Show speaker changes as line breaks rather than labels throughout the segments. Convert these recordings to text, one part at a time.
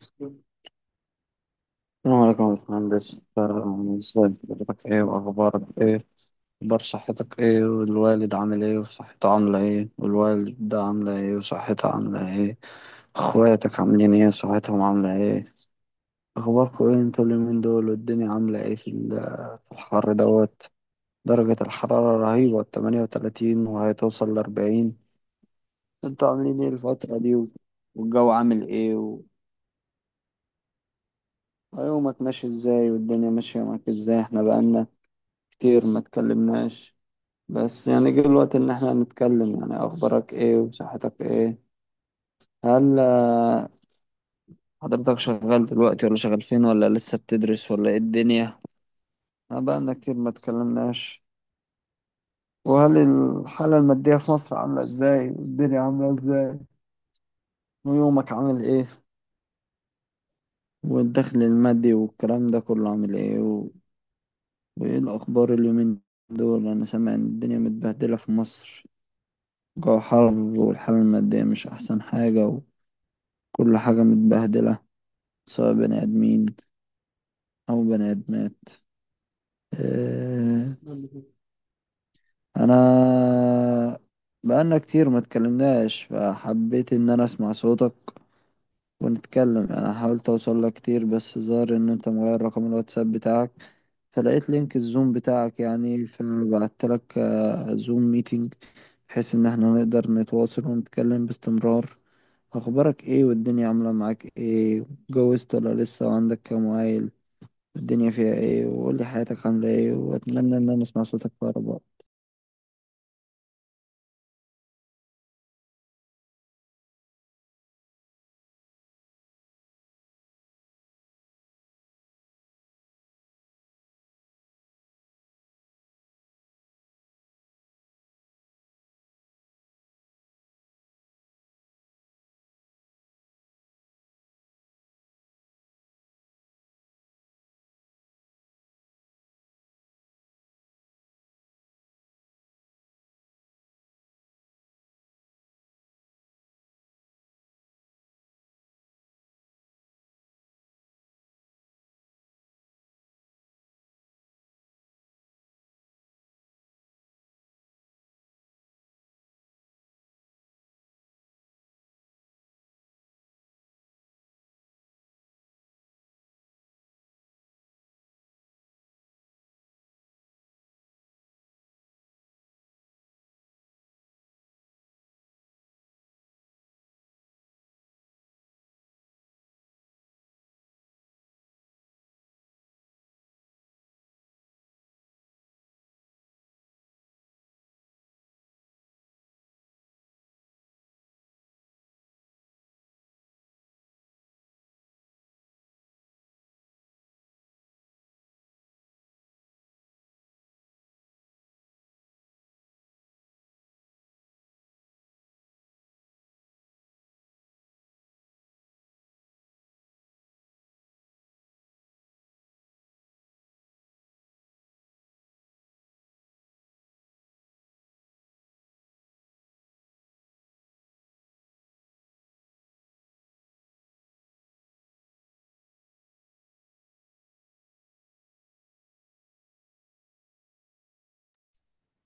السلام عليكم يا باشمهندس، ازاي حضرتك؟ ايه واخبارك؟ ايه اخبار صحتك؟ ايه والوالد عامل ايه وصحته عاملة ايه؟ والوالدة عاملة ايه وصحتها عاملة ايه؟ اخواتك عاملين ايه؟ صحتهم عاملة ايه؟ اخباركم ايه انتوا اليومين دول؟ والدنيا عاملة ايه في الحر دوت؟ درجة الحرارة رهيبة، 38 وهتوصل ل40. انتوا عاملين ايه الفترة دي؟ والجو عامل ايه يومك ماشي ازاي؟ والدنيا ماشية معاك ازاي؟ احنا بقالنا كتير ما اتكلمناش. بس يعني جه الوقت ان احنا نتكلم. يعني اخبارك ايه وصحتك ايه؟ هل حضرتك شغال دلوقتي؟ ولا شغال فين؟ ولا لسه بتدرس؟ ولا ايه الدنيا؟ أنا بقالنا كتير ما اتكلمناش. وهل الحالة المادية في مصر عاملة ازاي؟ والدنيا عاملة ازاي؟ ويومك عامل ايه؟ والدخل المادي والكلام ده كله عامل ايه وايه الاخبار اليومين دول؟ انا سامع ان الدنيا متبهدلة في مصر. جو حر، والحالة المادية مش احسن حاجة. كل حاجة متبهدلة، سواء بني آدمين أو بني آدمات. آه، أنا بقالنا كتير ما اتكلمناش، فحبيت إن أنا أسمع صوتك ونتكلم. أنا حاولت أوصل لك كتير، بس ظهر إن أنت مغير رقم الواتساب بتاعك، فلقيت لينك الزوم بتاعك يعني، فبعت لك زوم ميتينج، بحيث إن احنا نقدر نتواصل ونتكلم باستمرار. أخبارك إيه؟ والدنيا عاملة معاك إيه؟ اتجوزت ولا لسه؟ وعندك كام عيل؟ الدنيا فيها ايه؟ وقول لي حياتك عاملة ايه، واتمنى ان انا اسمع صوتك في اقرب وقت.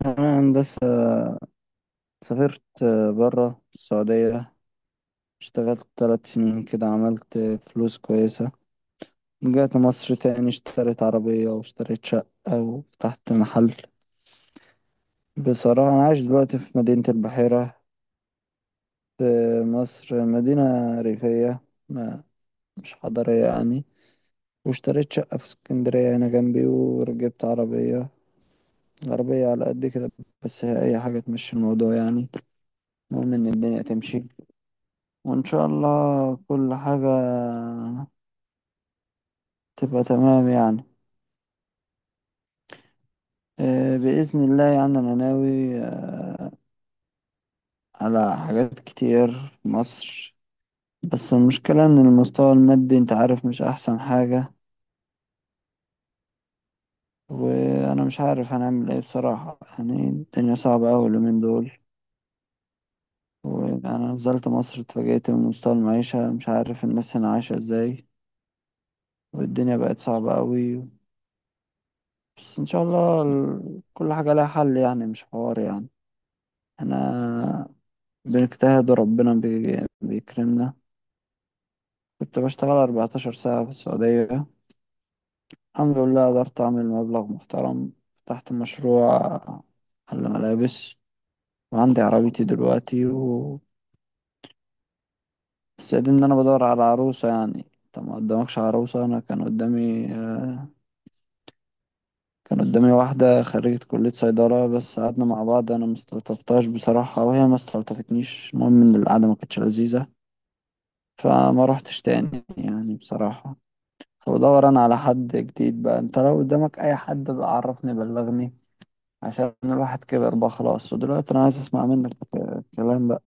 انا هندسة، سافرت برا السعودية، اشتغلت 3 سنين كده، عملت فلوس كويسة، رجعت مصر تاني، اشتريت عربية واشتريت شقة وفتحت محل. بصراحة أنا عايش دلوقتي في مدينة البحيرة، في مصر، مدينة ريفية، ما مش حضرية يعني. واشتريت شقة في اسكندرية هنا جنبي، وركبت عربية، عربية على قد كده، بس هي أي حاجة تمشي الموضوع يعني. المهم إن الدنيا تمشي، وإن شاء الله كل حاجة تبقى تمام يعني. بإذن الله يعني أنا ناوي على حاجات كتير في مصر. بس المشكلة إن المستوى المادي أنت عارف مش أحسن حاجة، وأنا مش عارف هنعمل إيه بصراحة. يعني الدنيا صعبة أوي اليومين دول. وأنا نزلت مصر اتفاجئت من مستوى المعيشة، مش عارف الناس هنا عايشة إزاي، والدنيا بقت صعبة أوي. بس ان شاء الله كل حاجة لها حل يعني، مش حوار يعني. انا بنجتهد وربنا بيكرمنا. كنت بشتغل 14 ساعة في السعودية، الحمد لله قدرت اعمل مبلغ محترم، فتحت مشروع، محل ملابس، وعندي عربيتي دلوقتي، و بس قاعدين ان انا بدور على عروسة. يعني انت ما قدامكش عروسة؟ انا كان قدامي كان قدامي واحدة خريجة كلية صيدلة، بس قعدنا مع بعض، أنا مستلطفتهاش بصراحة، وهي ما استلطفتنيش، المهم إن القعدة ما كانتش لذيذة، فما روحتش تاني يعني بصراحة. فبدور أنا على حد جديد بقى. أنت لو قدامك أي حد بقى عرفني، بلغني، عشان الواحد كبر بقى خلاص. ودلوقتي أنا عايز أسمع منك كلام بقى.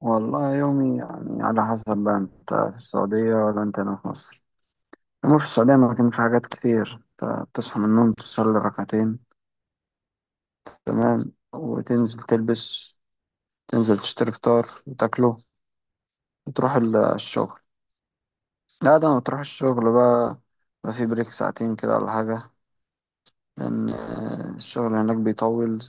والله يومي يعني على حسب بقى أنت في السعودية ولا أنت هنا في مصر. أما في السعودية، ما كان في حاجات كتير. أنت بتصحى من النوم، تصلي ركعتين، تمام، وتنزل تلبس، تنزل تشتري فطار وتاكله، وتروح الشغل. لا، ده ما تروح الشغل بقى، بقى في بريك ساعتين كده ولا حاجة، لأن الشغل هناك بيطول.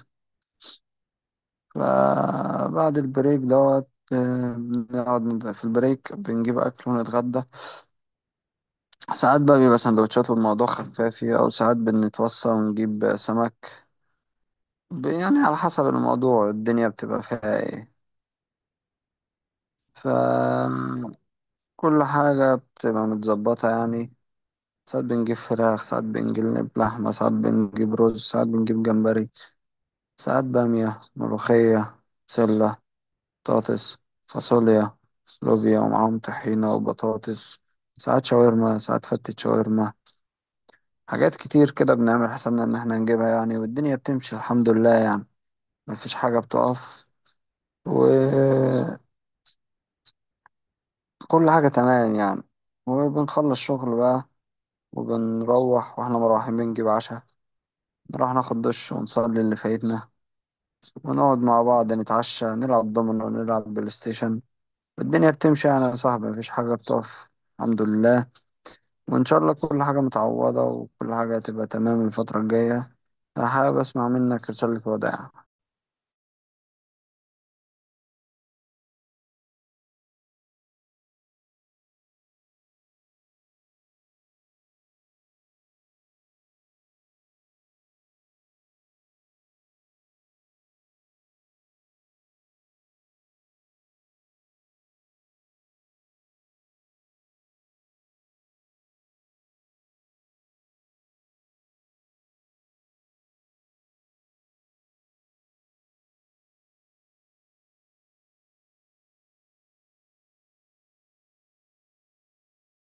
فبعد البريك دوت، بنقعد في البريك بنجيب أكل ونتغدى. ساعات بقى بيبقى سندوتشات والموضوع خفافي، أو ساعات بنتوصى ونجيب سمك. يعني على حسب الموضوع، الدنيا بتبقى فيها إيه. فكل حاجة بتبقى متظبطة يعني. ساعات بنجيب فراخ، ساعات بنجيب لحمة، ساعات بنجيب رز، ساعات بنجيب جمبري، ساعات بامية، ملوخية، بسلة، بطاطس، فاصوليا، لوبيا، ومعاهم طحينة وبطاطس. ساعات شاورما، ساعات فتة شاورما، حاجات كتير كده بنعمل حسابنا إن احنا نجيبها يعني، والدنيا بتمشي الحمد لله يعني، مفيش حاجة بتقف، وكل حاجة تمام يعني. وبنخلص شغل بقى، وبنروح، واحنا مروحين بنجيب عشاء، نروح ناخد دش ونصلي اللي فايتنا، ونقعد مع بعض نتعشى، نلعب دومينو، نلعب بلاي ستيشن. الدنيا بتمشي يعني يا صاحبي، مفيش حاجة بتقف، الحمد لله، وإن شاء الله كل حاجة متعوضة وكل حاجة هتبقى تمام الفترة الجاية. حابب أسمع منك رسالة وداع.